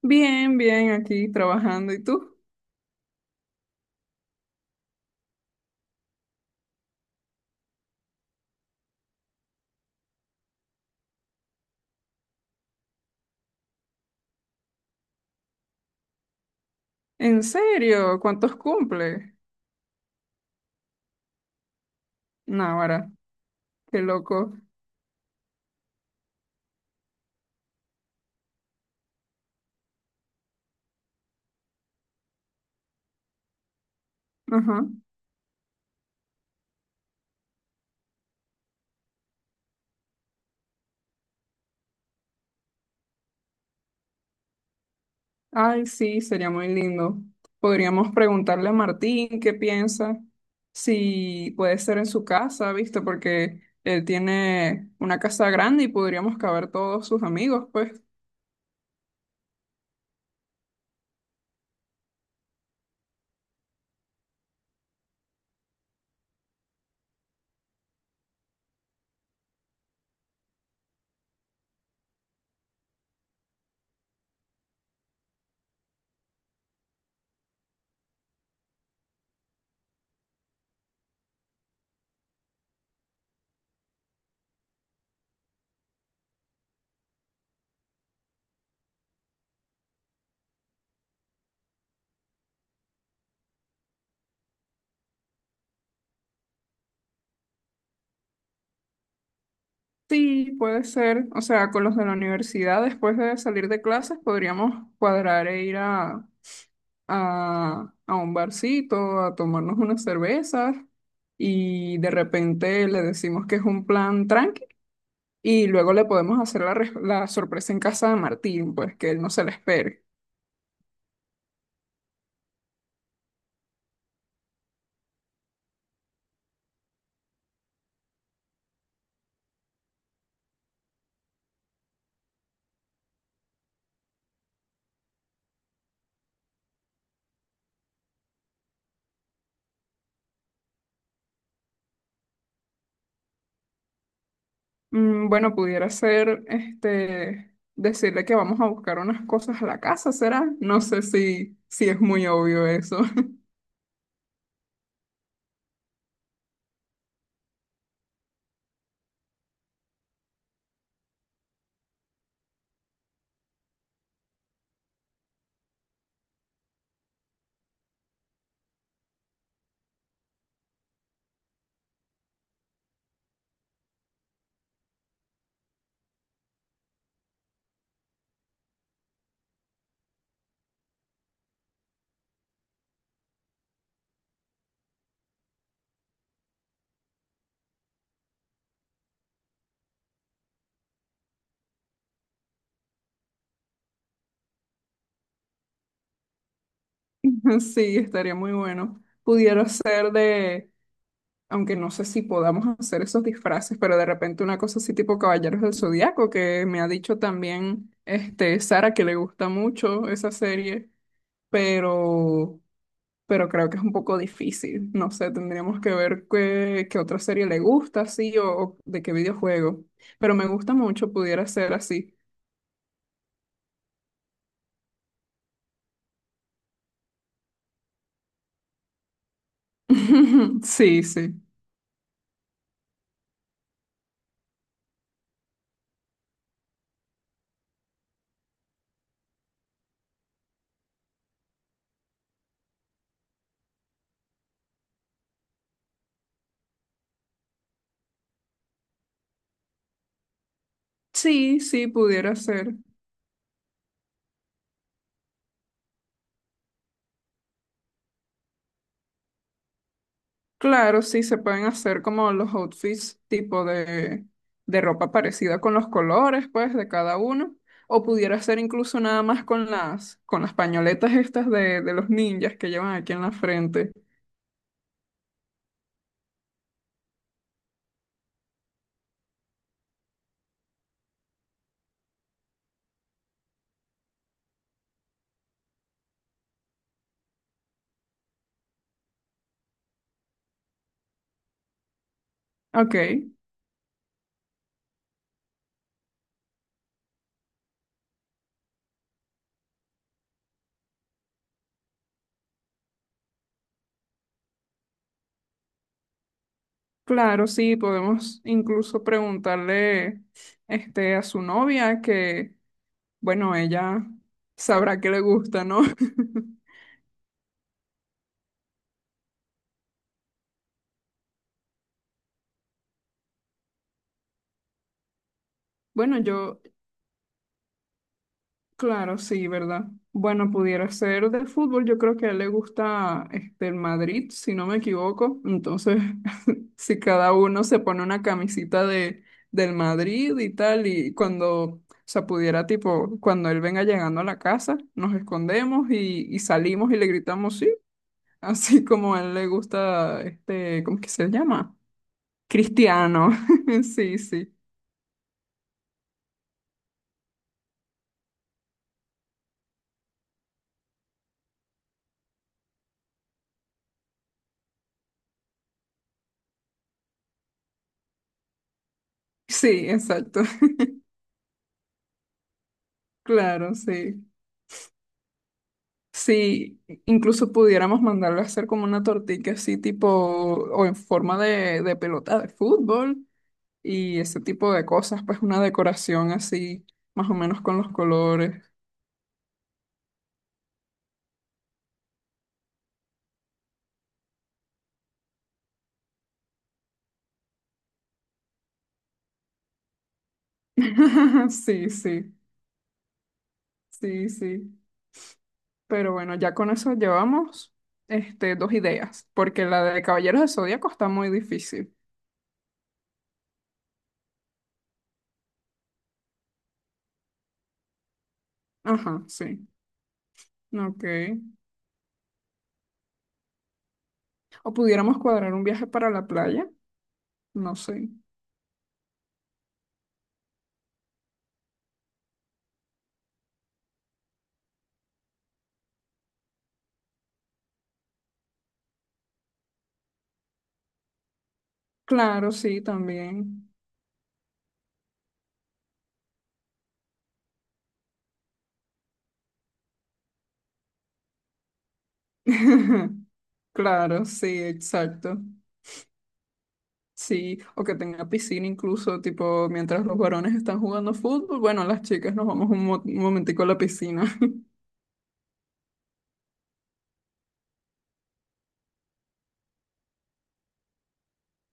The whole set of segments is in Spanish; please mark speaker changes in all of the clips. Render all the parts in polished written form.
Speaker 1: Bien, bien, aquí trabajando. ¿Y tú? ¿En serio? ¿Cuántos cumple? Náguara, qué loco. Ajá. Ay, sí, sería muy lindo. Podríamos preguntarle a Martín qué piensa, si puede ser en su casa, ¿viste? Porque él tiene una casa grande y podríamos caber todos sus amigos, pues. Sí, puede ser. O sea, con los de la universidad, después de salir de clases, podríamos cuadrar e ir a a un barcito, a tomarnos unas cervezas y de repente le decimos que es un plan tranqui y luego le podemos hacer la sorpresa en casa de Martín, pues que él no se la espere. Mm, bueno, pudiera ser este, decirle que vamos a buscar unas cosas a la casa, ¿será? No sé si es muy obvio eso. Sí, estaría muy bueno. Pudiera ser de, aunque no sé si podamos hacer esos disfraces, pero de repente una cosa así tipo Caballeros del Zodiaco, que me ha dicho también este Sara que le gusta mucho esa serie, pero pero creo que es un poco difícil. No sé, tendríamos que ver qué otra serie le gusta, sí, o de qué videojuego. Pero me gusta mucho, pudiera ser así. Sí, sí. Sí, sí, pudiera ser. Claro, sí, se pueden hacer como los outfits tipo de ropa parecida con los colores, pues, de cada uno. O pudiera ser incluso nada más con con las pañoletas estas de los ninjas que llevan aquí en la frente. Ok, claro, sí, podemos incluso preguntarle este, a su novia que, bueno, ella sabrá que le gusta, ¿no? Bueno, yo. Claro, sí, ¿verdad? Bueno, pudiera ser de fútbol. Yo creo que a él le gusta este, el Madrid, si no me equivoco. Entonces, si cada uno se pone una camisita de, del Madrid y tal, y cuando, o sea, pudiera, tipo, cuando él venga llegando a la casa, nos escondemos y salimos y le gritamos sí, así como a él le gusta, este, ¿cómo que se llama? Cristiano. Sí, sí. Sí, exacto. Claro, sí. Sí, incluso pudiéramos mandarlo a hacer como una tortilla así tipo, o en forma de pelota de fútbol y ese tipo de cosas, pues una decoración así, más o menos con los colores. Sí, sí, sí, sí. Pero bueno, ya con eso llevamos este, dos ideas, porque la de Caballeros del Zodíaco está muy difícil. Ajá, sí. Ok. O pudiéramos cuadrar un viaje para la playa, no sé. Claro, sí, también. Claro, sí, exacto. Sí, o que tenga piscina incluso, tipo, mientras los varones están jugando fútbol, bueno, las chicas nos vamos un, un momentico a la piscina.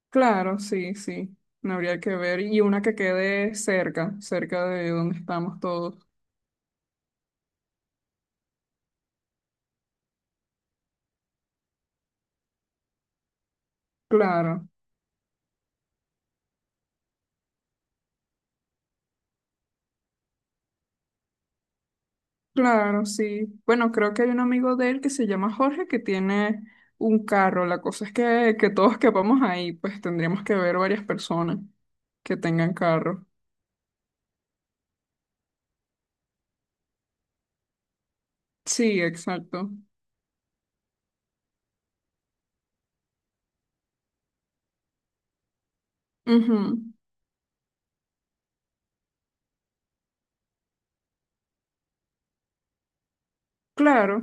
Speaker 1: Claro, sí, sí, no habría que ver. Y una que quede cerca de donde estamos todos. Claro, claro, sí. Bueno, creo que hay un amigo de él que se llama Jorge que tiene un carro. La cosa es que todos quepamos ahí, pues tendríamos que ver varias personas que tengan carro. Sí, exacto. Ujú. Claro,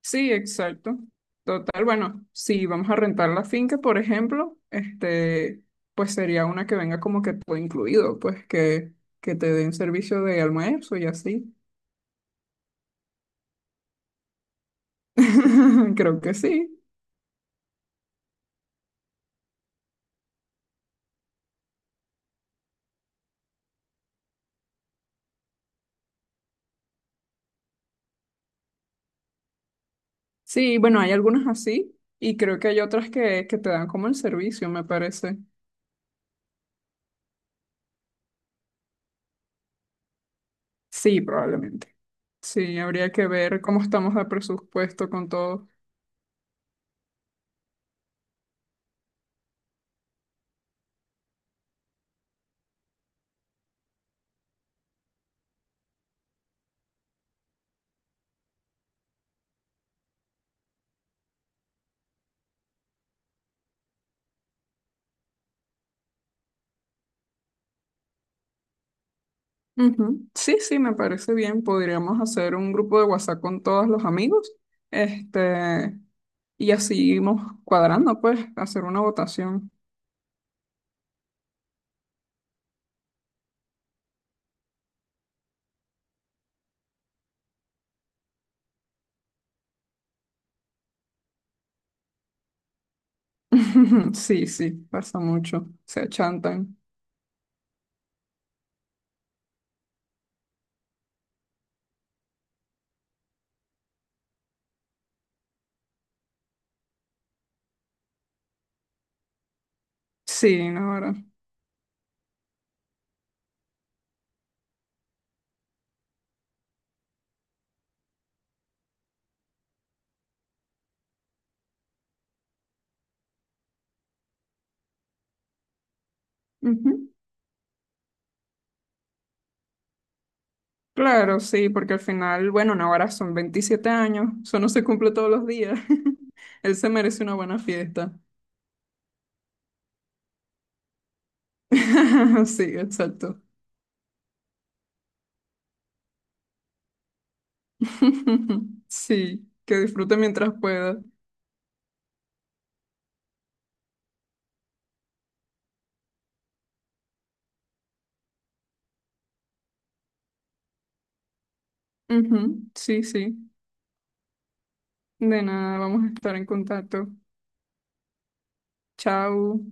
Speaker 1: sí, exacto. Total, bueno, si vamos a rentar la finca, por ejemplo, este, pues sería una que venga como que todo incluido, pues que te den servicio de almuerzo y así. Creo que sí. Sí, bueno, hay algunas así y creo que hay otras que te dan como el servicio, me parece. Sí, probablemente. Sí, habría que ver cómo estamos de presupuesto con todo. Ujú. Sí, sí, me parece bien. Podríamos hacer un grupo de WhatsApp con todos los amigos, este, y así irnos cuadrando, pues, hacer una votación. Sí, sí, pasa mucho. Se achantan. Sí, Navarra. Ujú. Claro, sí, porque al final, bueno, Navarra son 27 años, eso no se cumple todos los días. Él se merece una buena fiesta. Sí, exacto. Sí, que disfrute mientras pueda. Ujú. Sí, sí. De nada, vamos a estar en contacto. Chao.